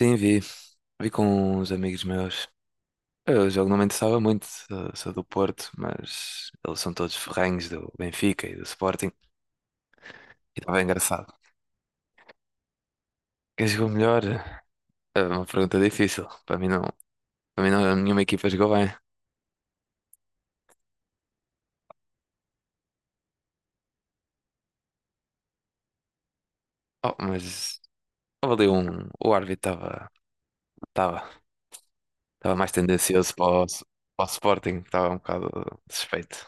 Sim, vi. Vi com uns amigos meus. Eu jogo não me interessava muito, sou do Porto, mas eles são todos ferrenhos do Benfica e do Sporting. E estava engraçado. Quem jogou melhor? É uma pergunta difícil. Para mim não, nenhuma equipa jogou bem. Oh, mas estava ali um. O árbitro estava estava mais tendencioso para o Sporting, que estava um bocado suspeito.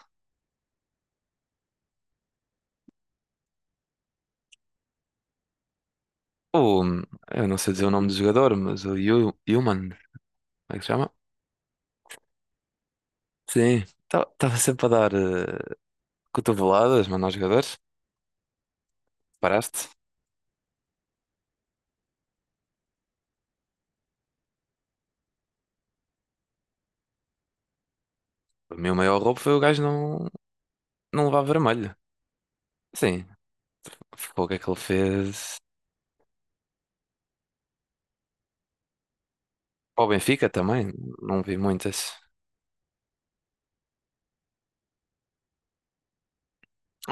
O, eu não sei dizer o nome do jogador, mas o Yuman, como é que se chama? Sim, estava sempre a dar, cotoveladas, mano, aos jogadores. Paraste. O meu maior roubo foi o gajo não levar vermelho. Sim, ficou o que é que ele fez. Para o Benfica também, não vi muitas.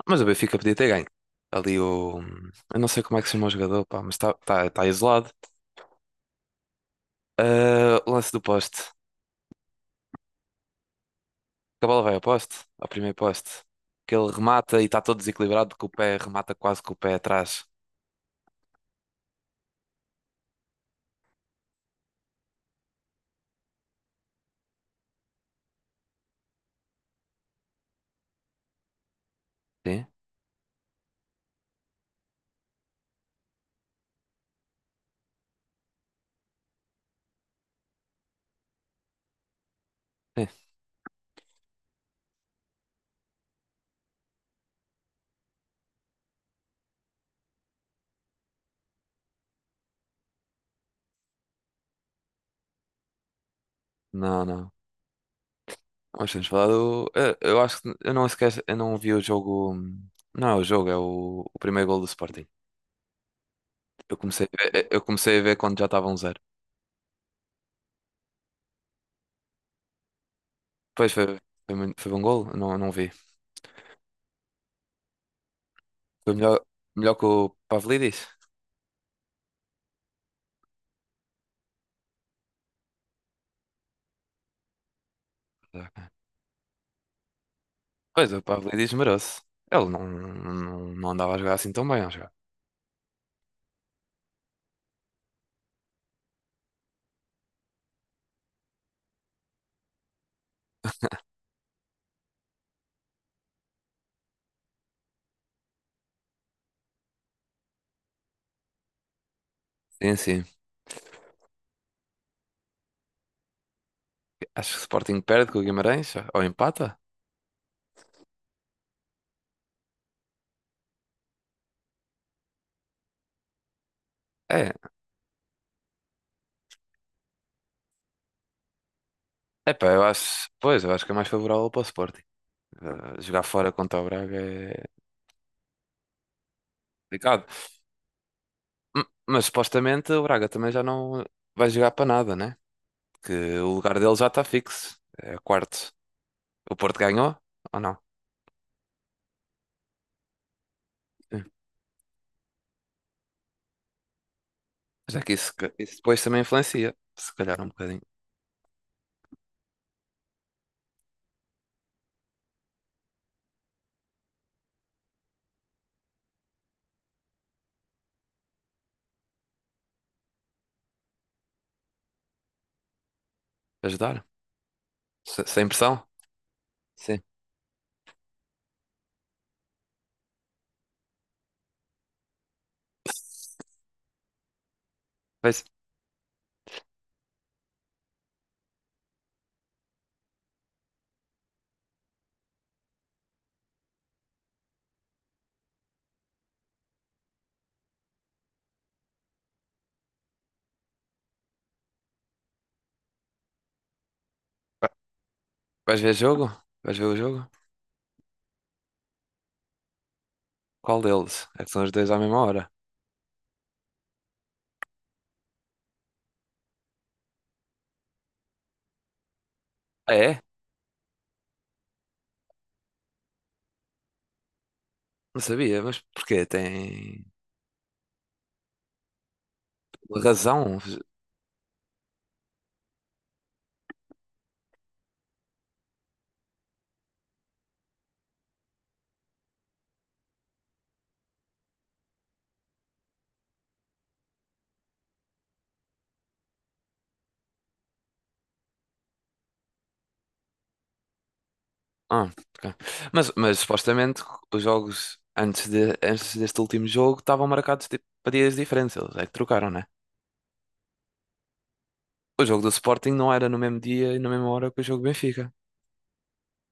Mas o Benfica podia ter ganho. Ali o. Eu não sei como é que se chama o jogador, pá, mas está tá, tá tá isolado. Ah, o lance do poste. Que a bola vai ao poste, ao primeiro poste. Que ele remata e está todo desequilibrado, que o pé remata quase com o pé atrás. Sim, sim. Não, não. Nós temos falado. Eu acho que eu não esquece, eu não vi o jogo. Não é o jogo, é o primeiro gol do Sporting. Eu comecei a ver quando já estava 1-0. Pois foi, foi bom gol? Eu não vi. Foi melhor que o Pavlidis. Pois, o Pavlidis merece. Ele não andava a jogar assim tão bem, a jogar. Sim, sim. Acho que o Sporting perde com o Guimarães, ou empata? É. Epá, eu acho. Pois, eu acho que é mais favorável para o Sporting. Jogar fora contra o Braga é complicado. Mas supostamente o Braga também já não vai jogar para nada, né? Que o lugar dele já está fixo. É quarto. O Porto ganhou ou não? Sim. Mas é que isso depois também influencia, se calhar um bocadinho. Ajudar? Sem pressão? Sim. Vais, vai- vais ver jogo? Vais ver o jogo? Qual deles? É que são os dois à mesma hora. Ah, é? Não sabia, mas porquê? Tem razão? Ah, ok. Mas supostamente os jogos antes, antes deste último jogo estavam marcados tipo, para dias diferentes. Eles é que trocaram, né? O jogo do Sporting não era no mesmo dia e na mesma hora que o jogo do Benfica.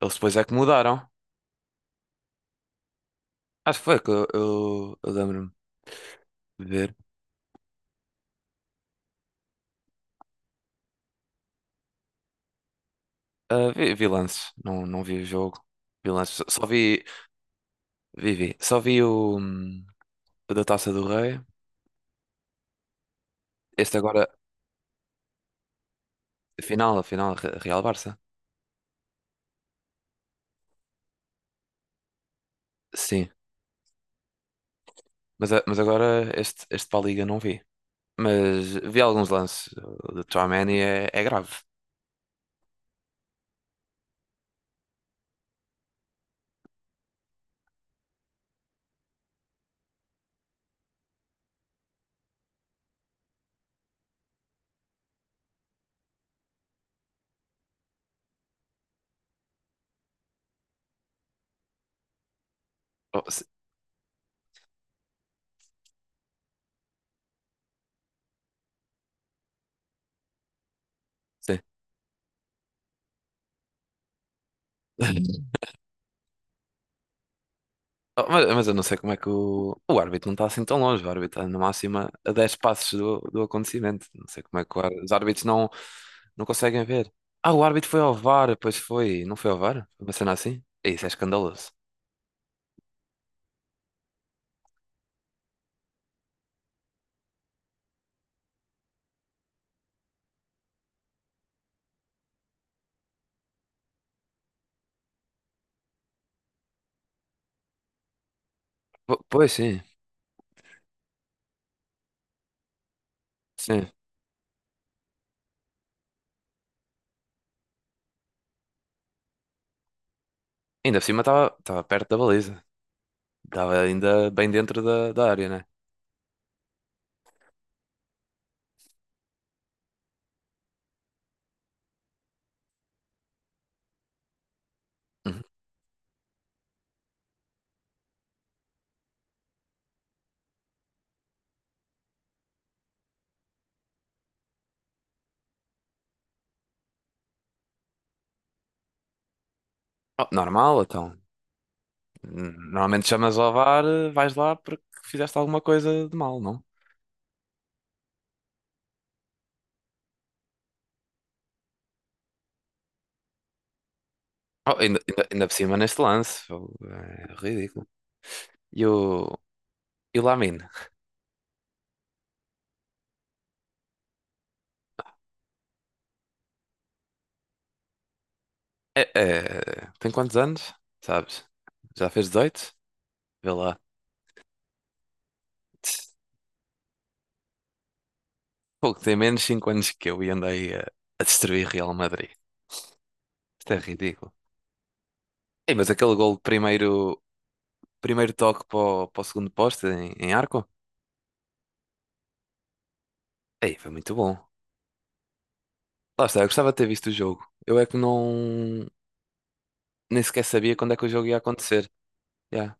Eles depois é que mudaram. Acho que foi que eu lembro-me de ver. Ah, vi lances, não vi o jogo. Vi lances, só vi. Só vi o da Taça do Rei. Este agora, a final, Real Barça. Sim, mas, mas agora este para a Liga não vi. Mas vi alguns lances do Tchouaméni, é grave. Oh, sim. Oh, mas eu não sei como é que o árbitro não está assim tão longe. O árbitro está na máxima a 10 passos do acontecimento. Não sei como é que os árbitros não conseguem ver. Ah, o árbitro foi ao VAR, pois foi. Não foi ao VAR? Foi uma cena assim? Isso é escandaloso. Pois sim, sim. Ainda por cima estava perto da baliza. Estava ainda bem dentro da área, né? Uhum. Oh, normal, então. Normalmente chamas ao VAR, vais lá porque fizeste alguma coisa de mal, não? Oh, ainda por cima neste lance. Oh, é ridículo. E o, e o Lamine? É, tem quantos anos? Sabes? Já fez 18. Vê lá. Pouco tem menos 5 anos que eu e andei a destruir Real Madrid. Isto é ridículo. Ei, mas aquele gol de primeiro toque para o segundo poste em arco? Ei, foi muito bom. Lá está, eu gostava de ter visto o jogo. Eu é que não. Nem sequer sabia quando é que o jogo ia acontecer. Yeah,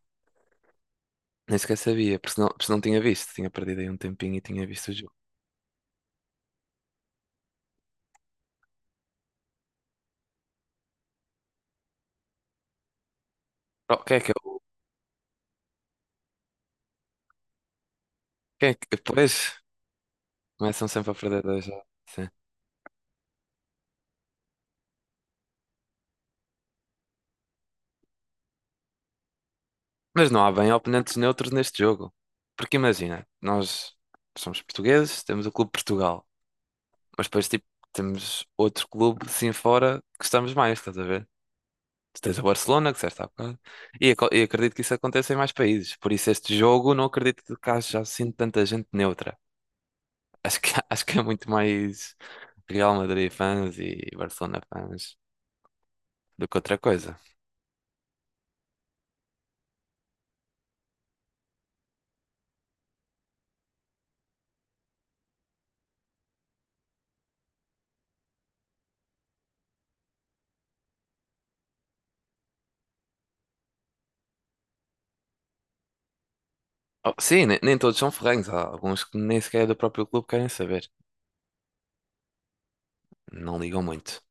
nem sequer sabia, porque senão tinha visto. Tinha perdido aí um tempinho e tinha visto o jogo. Oh, quem é que é? Quem é que... Pois, começam sempre a perder dois já. Sim. Mas não há bem oponentes neutros neste jogo. Porque imagina, nós somos portugueses, temos o Clube Portugal, mas depois tipo, temos outro clube assim fora que gostamos mais, estás a ver? Tu tens o Barcelona, que disseste há bocado, e acredito que isso aconteça em mais países. Por isso este jogo não acredito que haja assim tanta gente neutra. Acho que, acho que é muito mais Real Madrid fãs e Barcelona fãs do que outra coisa. Oh, sim, nem todos são ferrenhos. Há alguns que nem sequer é do próprio clube querem saber. Não ligam muito.